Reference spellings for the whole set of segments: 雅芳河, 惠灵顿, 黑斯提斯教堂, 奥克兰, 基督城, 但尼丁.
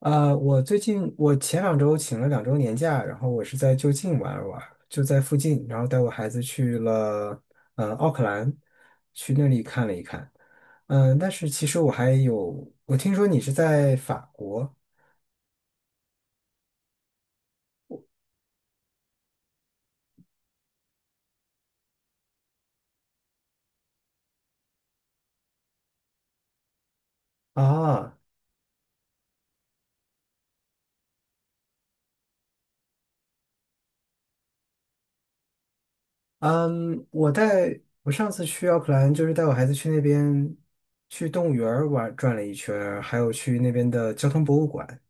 呃，我最近我前两周请了两周年假，然后我是在就近玩了玩，就在附近，然后带我孩子去了奥克兰，去那里看了一看。但是其实我还有，我听说你是在法国啊，嗯，我带我上次去奥克兰，就是带我孩子去那边去动物园儿玩转了一圈儿还有去那边的交通博物馆。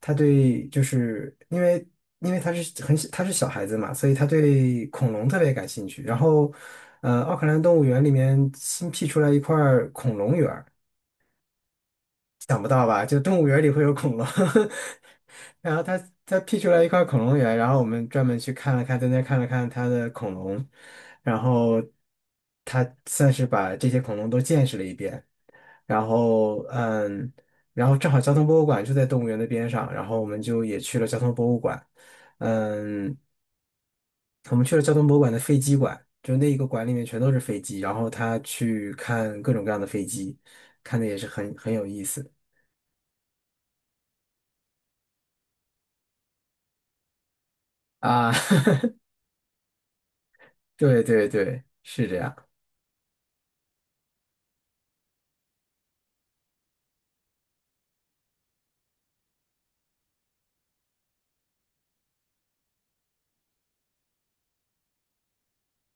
就是因为他是小孩子嘛，所以他对恐龙特别感兴趣。然后，奥克兰动物园里面新辟出来一块儿恐龙园。想不到吧？就动物园里会有恐龙，然后他辟出来一块恐龙园，然后我们专门去看了看，在那看了看他的恐龙，然后他算是把这些恐龙都见识了一遍。然后嗯，然后正好交通博物馆就在动物园的边上，然后我们就也去了交通博物馆，嗯，我们去了交通博物馆的飞机馆，就那一个馆里面全都是飞机，然后他去看各种各样的飞机，看的也是很有意思啊。对对对，是这样。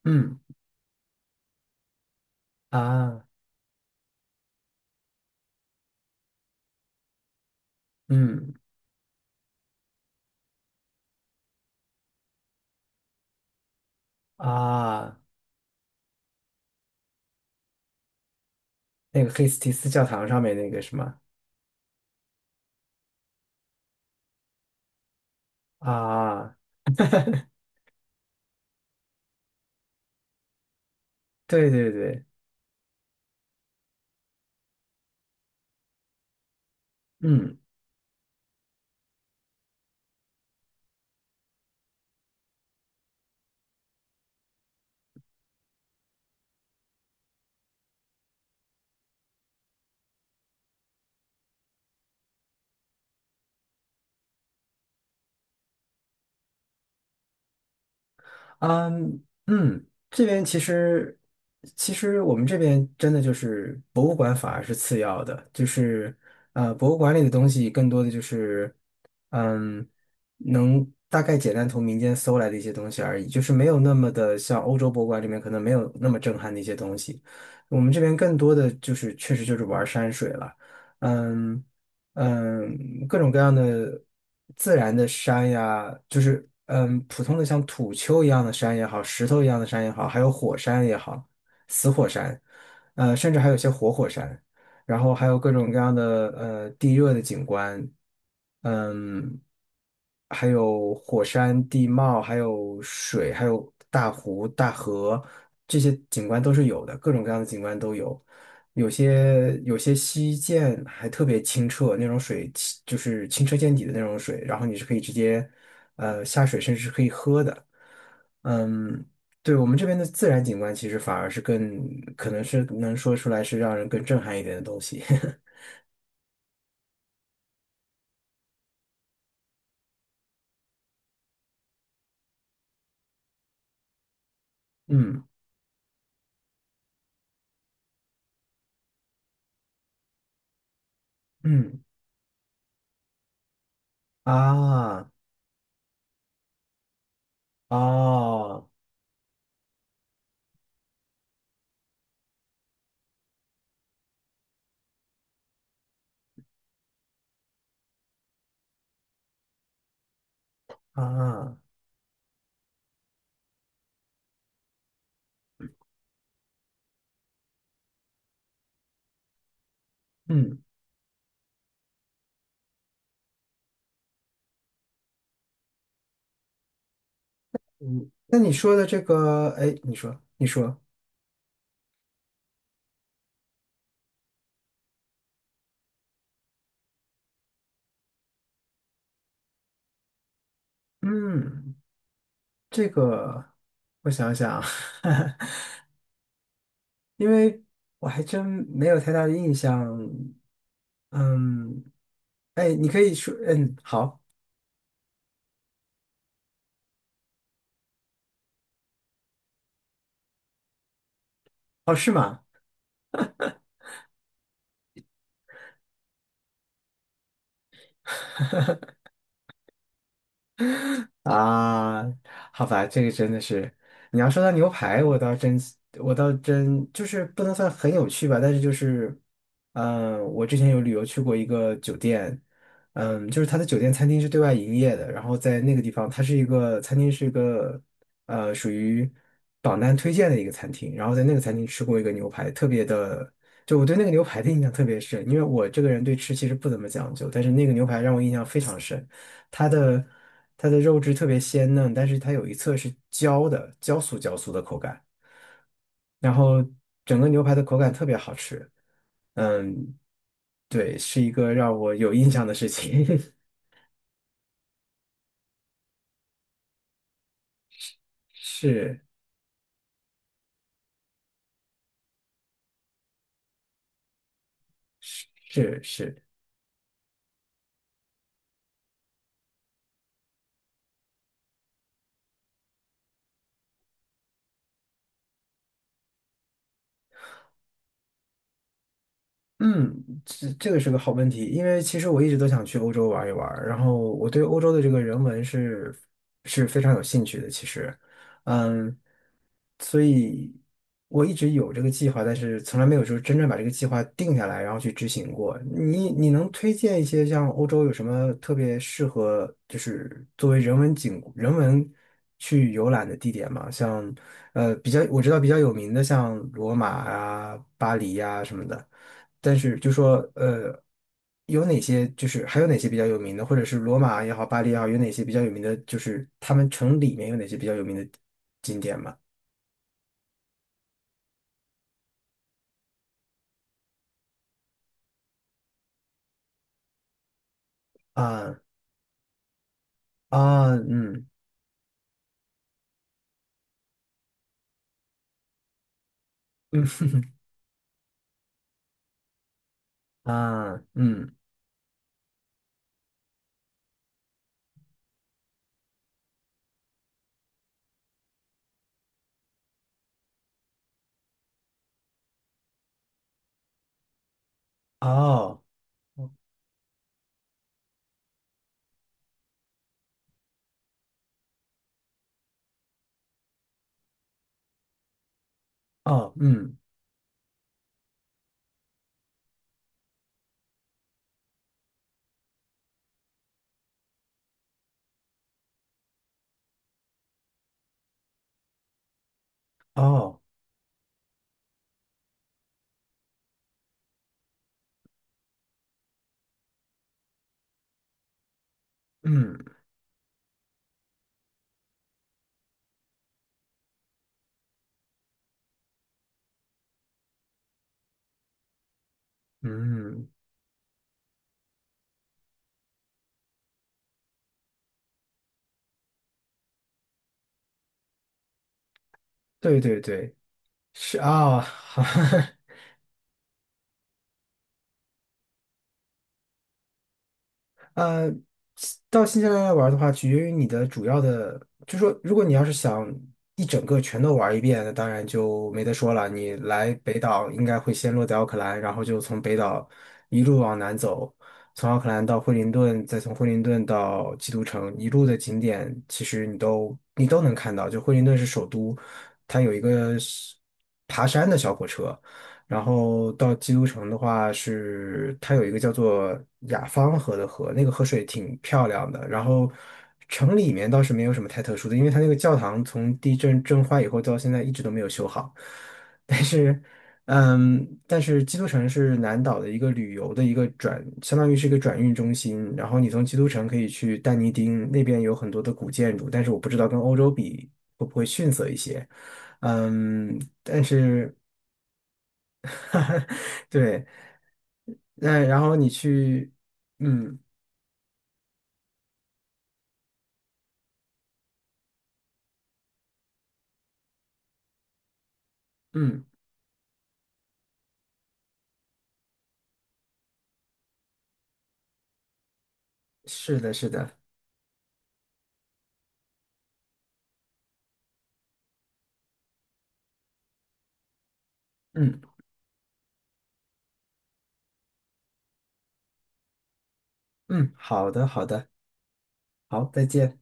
嗯啊，嗯啊，那个黑斯提斯教堂上面那个什么啊，对对对，嗯。嗯，这边其实我们这边真的就是博物馆反而是次要的，就是博物馆里的东西更多的就是嗯能大概简单从民间搜来的一些东西而已，就是没有那么的像欧洲博物馆里面可能没有那么震撼的一些东西，我们这边更多的就是确实就是玩山水了，嗯。各种各样的自然的山呀，就是普通的像土丘一样的山也好，石头一样的山也好，还有火山也好，死火山，甚至还有些活火山，然后还有各种各样的地热的景观，嗯，还有火山地貌，还有水，还有大湖、大河，这些景观都是有的，各种各样的景观都有。有些溪涧还特别清澈，那种水清就是清澈见底的那种水，然后你是可以直接下水，甚至是可以喝的。嗯，对，我们这边的自然景观其实反而是更可能是能说出来是让人更震撼一点的东西。嗯嗯啊哦啊嗯嗯，那你说的这个，哎，你说你说，嗯，这个我想想啊。因为我还真没有太大的印象。嗯，哎，你可以说，嗯，好，哦，是吗？啊，好吧，这个真的是，你要说到牛排，我倒真就是不能算很有趣吧，但是就是，我之前有旅游去过一个酒店，就是它的酒店餐厅是对外营业的，然后在那个地方，它是一个餐厅是一个，属于榜单推荐的一个餐厅，然后在那个餐厅吃过一个牛排，特别的，就我对那个牛排的印象特别深，因为我这个人对吃其实不怎么讲究，但是那个牛排让我印象非常深。它的它的肉质特别鲜嫩，但是它有一侧是焦的，焦酥焦酥的口感。然后整个牛排的口感特别好吃，嗯，对，是一个让我有印象的事情，是是是。嗯，这个是个好问题，因为其实我一直都想去欧洲玩一玩，然后我对欧洲的这个人文是非常有兴趣的，其实，嗯，所以我一直有这个计划，但是从来没有说真正把这个计划定下来，然后去执行过。你能推荐一些像欧洲有什么特别适合，就是作为人文去游览的地点吗？像呃比较我知道比较有名的像罗马啊、巴黎呀、什么的。但是就说有哪些就是还有哪些比较有名的，或者是罗马也好，巴黎也好，有哪些比较有名的，就是他们城里面有哪些比较有名的景点吗？啊啊嗯啊嗯哦哦嗯哦嗯嗯，对对对，是啊，呃，到新西兰来玩的话，取决于你的主要的，就说如果你要是想一整个全都玩一遍，那当然就没得说了。你来北岛应该会先落在奥克兰，然后就从北岛一路往南走，从奥克兰到惠灵顿，再从惠灵顿到基督城，一路的景点其实你都能看到。就惠灵顿是首都，它有一个是爬山的小火车，然后到基督城的话是，它有一个叫做雅芳河的河，那个河水挺漂亮的。然后城里面倒是没有什么太特殊的，因为它那个教堂从地震震坏以后到现在一直都没有修好。但是，但是基督城是南岛的一个旅游的一个转，相当于是一个转运中心。然后你从基督城可以去但尼丁那边有很多的古建筑，但是我不知道跟欧洲比会不会逊色一些。嗯，但是对。嗯，然后你去，嗯嗯，是的，是的，嗯嗯，好的，好的，好，再见。